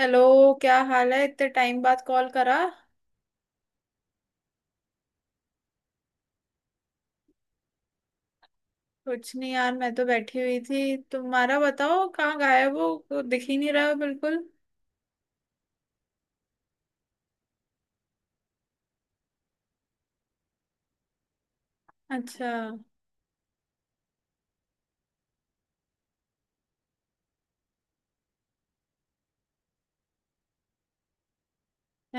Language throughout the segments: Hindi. हेलो। क्या हाल है, इतने टाइम बाद कॉल करा। कुछ नहीं यार, मैं तो बैठी हुई थी। तुम्हारा बताओ, कहाँ गायब हो, को दिख ही नहीं रहा हो बिल्कुल। अच्छा,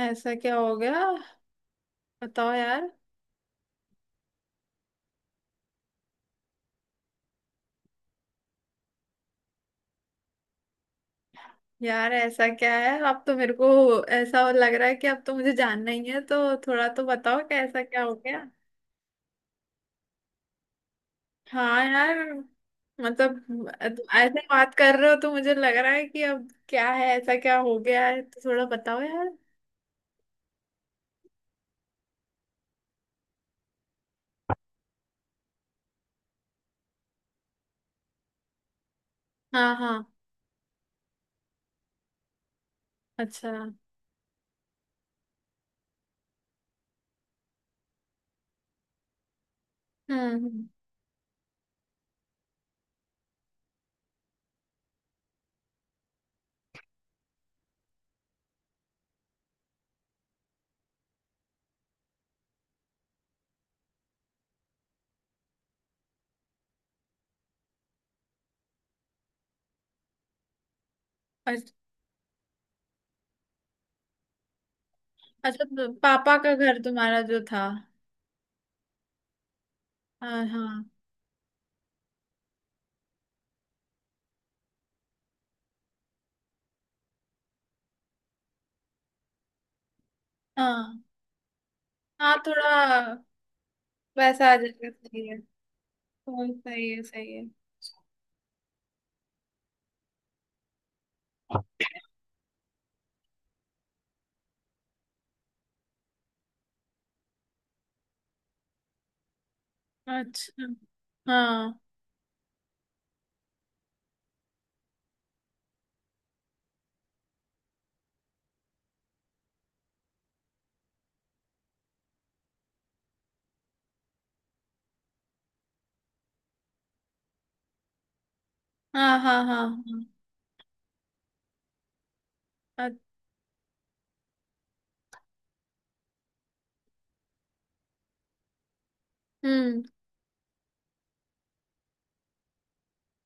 ऐसा क्या हो गया? बताओ यार। यार ऐसा क्या है, अब तो मेरे को ऐसा लग रहा है कि अब तो मुझे जानना ही है, तो थोड़ा तो बताओ कि ऐसा क्या हो गया। हाँ यार। मतलब ऐसे बात कर रहे हो तो मुझे लग रहा है कि अब क्या है, ऐसा क्या हो गया है, तो थोड़ा बताओ यार। हाँ हाँ। अच्छा। हम्म। अच्छा। अच्छा, तो पापा का घर तुम्हारा जो था। हाँ हाँ हाँ हाँ, थोड़ा वैसा आ जाएगा, सही है। तो सही है, सही है। अच्छा। हाँ हाँ हाँ हाँ हाँ। अ- हम्म।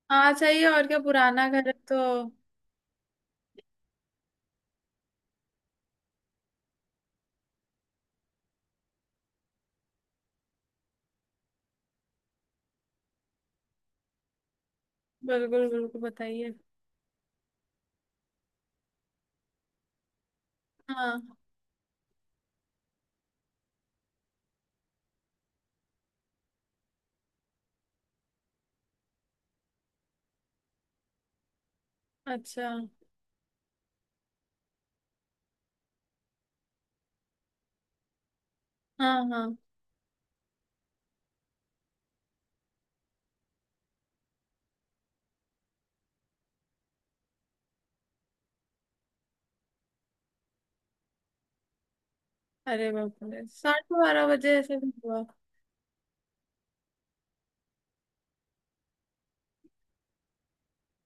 हाँ सही है, और क्या पुराना घर है तो। बिल्कुल बिल्कुल बताइए। हाँ। अच्छा। हाँ हाँ। अरे बाप रे, साढ़े बारह बजे ऐसे भी हुआ?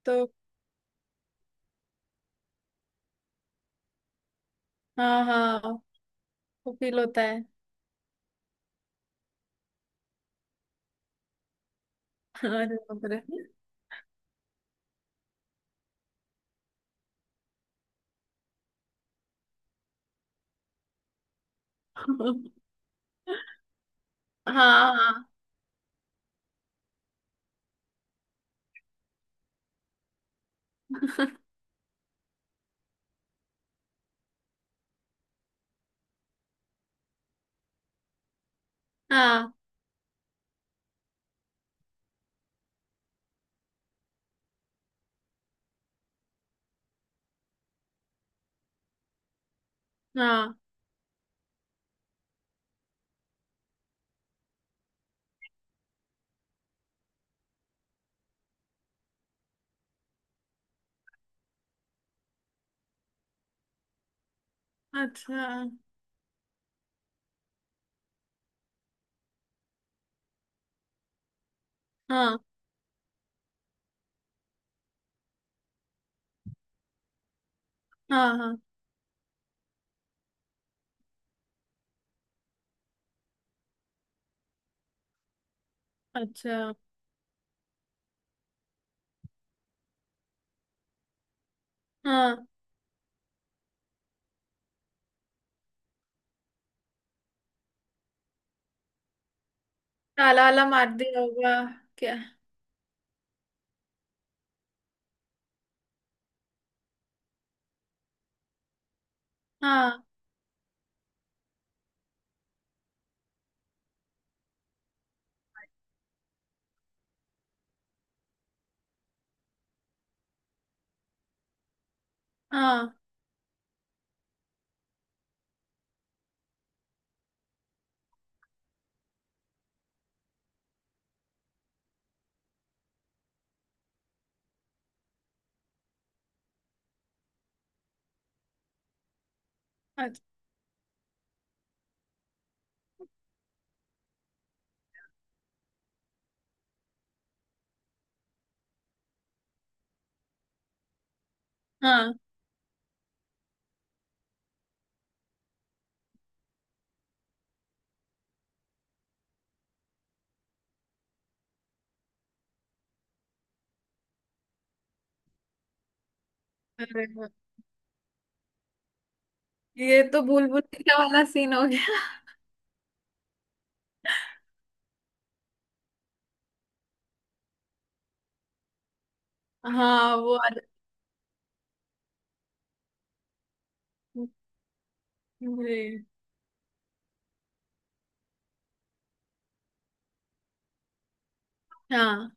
तो हाँ हाँ, वो फील होता है। अरे बाप रे। हाँ हाँ हाँ हाँ। अच्छा। हाँ हाँ हाँ। अच्छा। हाँ, ताला वाला मार दिया होगा क्या? हाँ हाँ। अच्छा। हाँ। अरे वाह, ये तो भूल भुलैया वाला सीन हो गया। हाँ वो जी। हाँ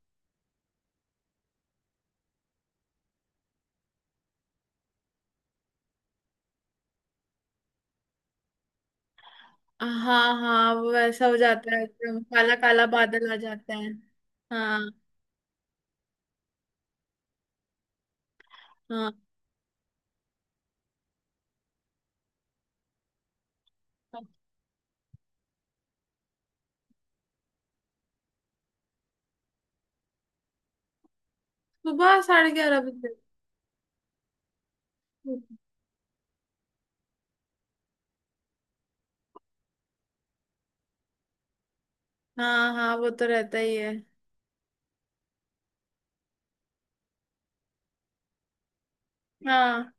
हाँ हाँ वो ऐसा हो जाता है, एकदम काला काला बादल आ जाता है। हाँ। हाँ। हाँ। सुबह साढ़े ग्यारह बजे? हाँ हाँ वो तो रहता ही है। हाँ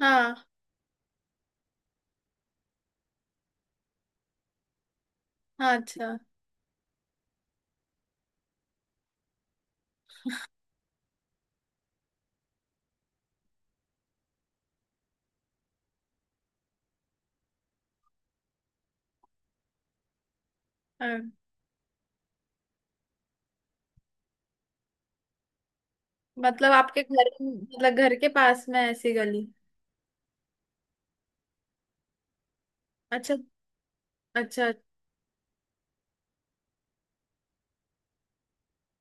हाँ हाँ अच्छा। मतलब आपके घर, मतलब घर के पास में ऐसी गली? अच्छा। अच्छा।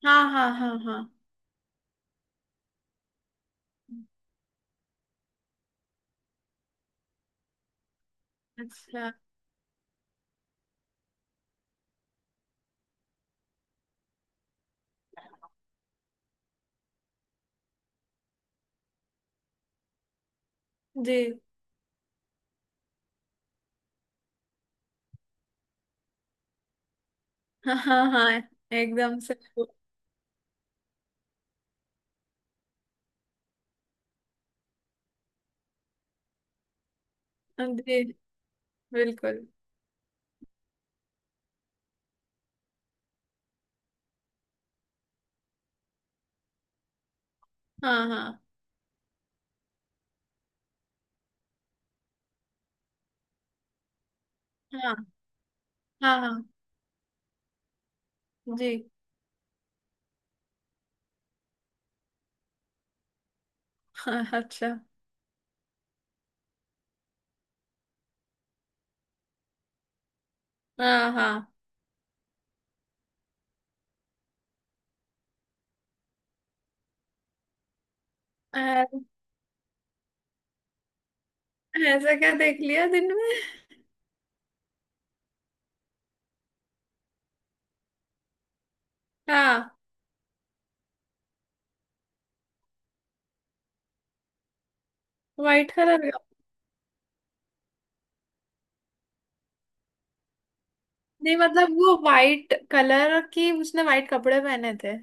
हाँ हाँ हाँ हाँ। अच्छा। जी। हाँ हाँ हाँ। एकदम से। जी। बिल्कुल। हाँ हाँ हाँ हाँ हाँ। जी। हाँ, अच्छा। हाँ हाँ। अरे, ऐसा क्या देख लिया दिन में? हाँ। व्हाइट कलर का? नहीं, मतलब वो व्हाइट कलर की, उसने व्हाइट कपड़े पहने थे?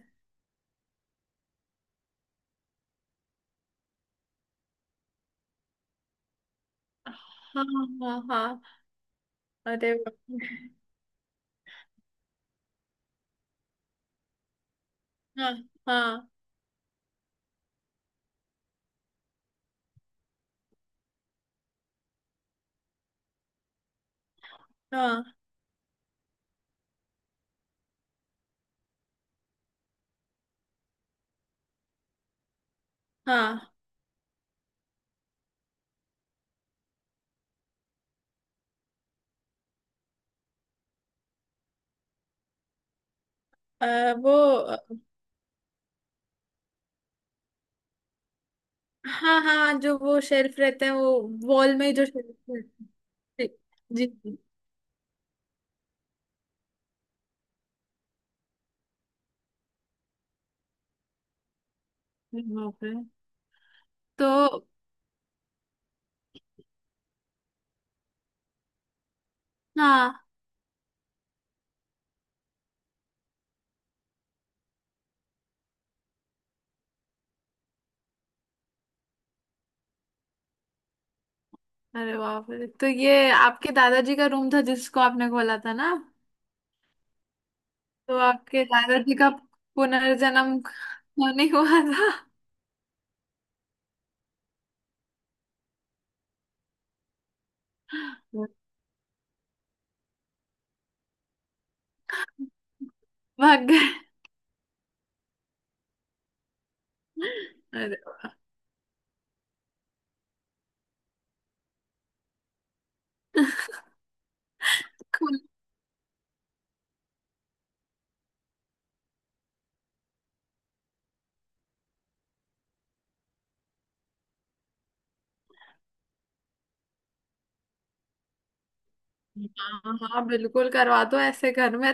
हाँ हाँ हाँ। अरे बाप रे। हाँ हाँ हाँ हाँ। अ, वो। हाँ हाँ, जो वो शेल्फ रहते हैं वो, वॉल में ही जो शेल्फ रहते हैं। जी जी। जी, बाप रे। तो हाँ। अरे बाप रे, तो ये आपके दादाजी का रूम था जिसको आपने खोला था ना? तो आपके दादाजी का पुनर्जन्म नहीं हुआ था? भाग गए? अरे वाह। खुल- हाँ हाँ, बिल्कुल करवा दो ऐसे घर में।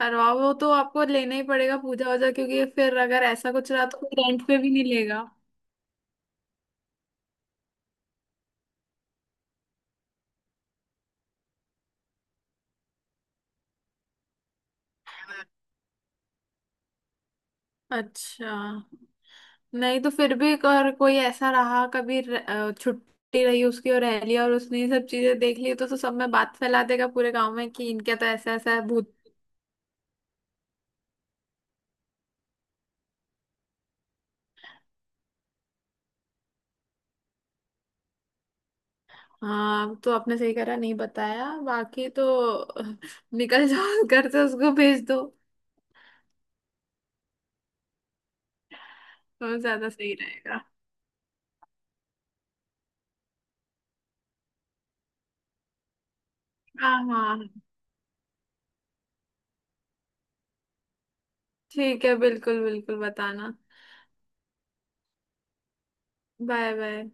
करवाओ, वो तो आपको लेना ही पड़ेगा पूजा वूजा, क्योंकि फिर अगर ऐसा कुछ रहा तो कोई रेंट पे भी नहीं लेगा। अच्छा। नहीं, तो फिर भी अगर कोई ऐसा रहा, कभी छुट्टी रही उसकी और रह लिया, और उसने ये सब चीजें देख ली तो सब में बात फैला देगा पूरे गांव में कि इनके तो ऐसा ऐसा है भूत। हाँ तो आपने सही करा नहीं बताया, बाकी तो अ, निकल जाओ घर से, उसको भेज दो तो ज्यादा सही रहेगा। हाँ हाँ। ठीक है, बिल्कुल बिल्कुल बताना। Bye bye.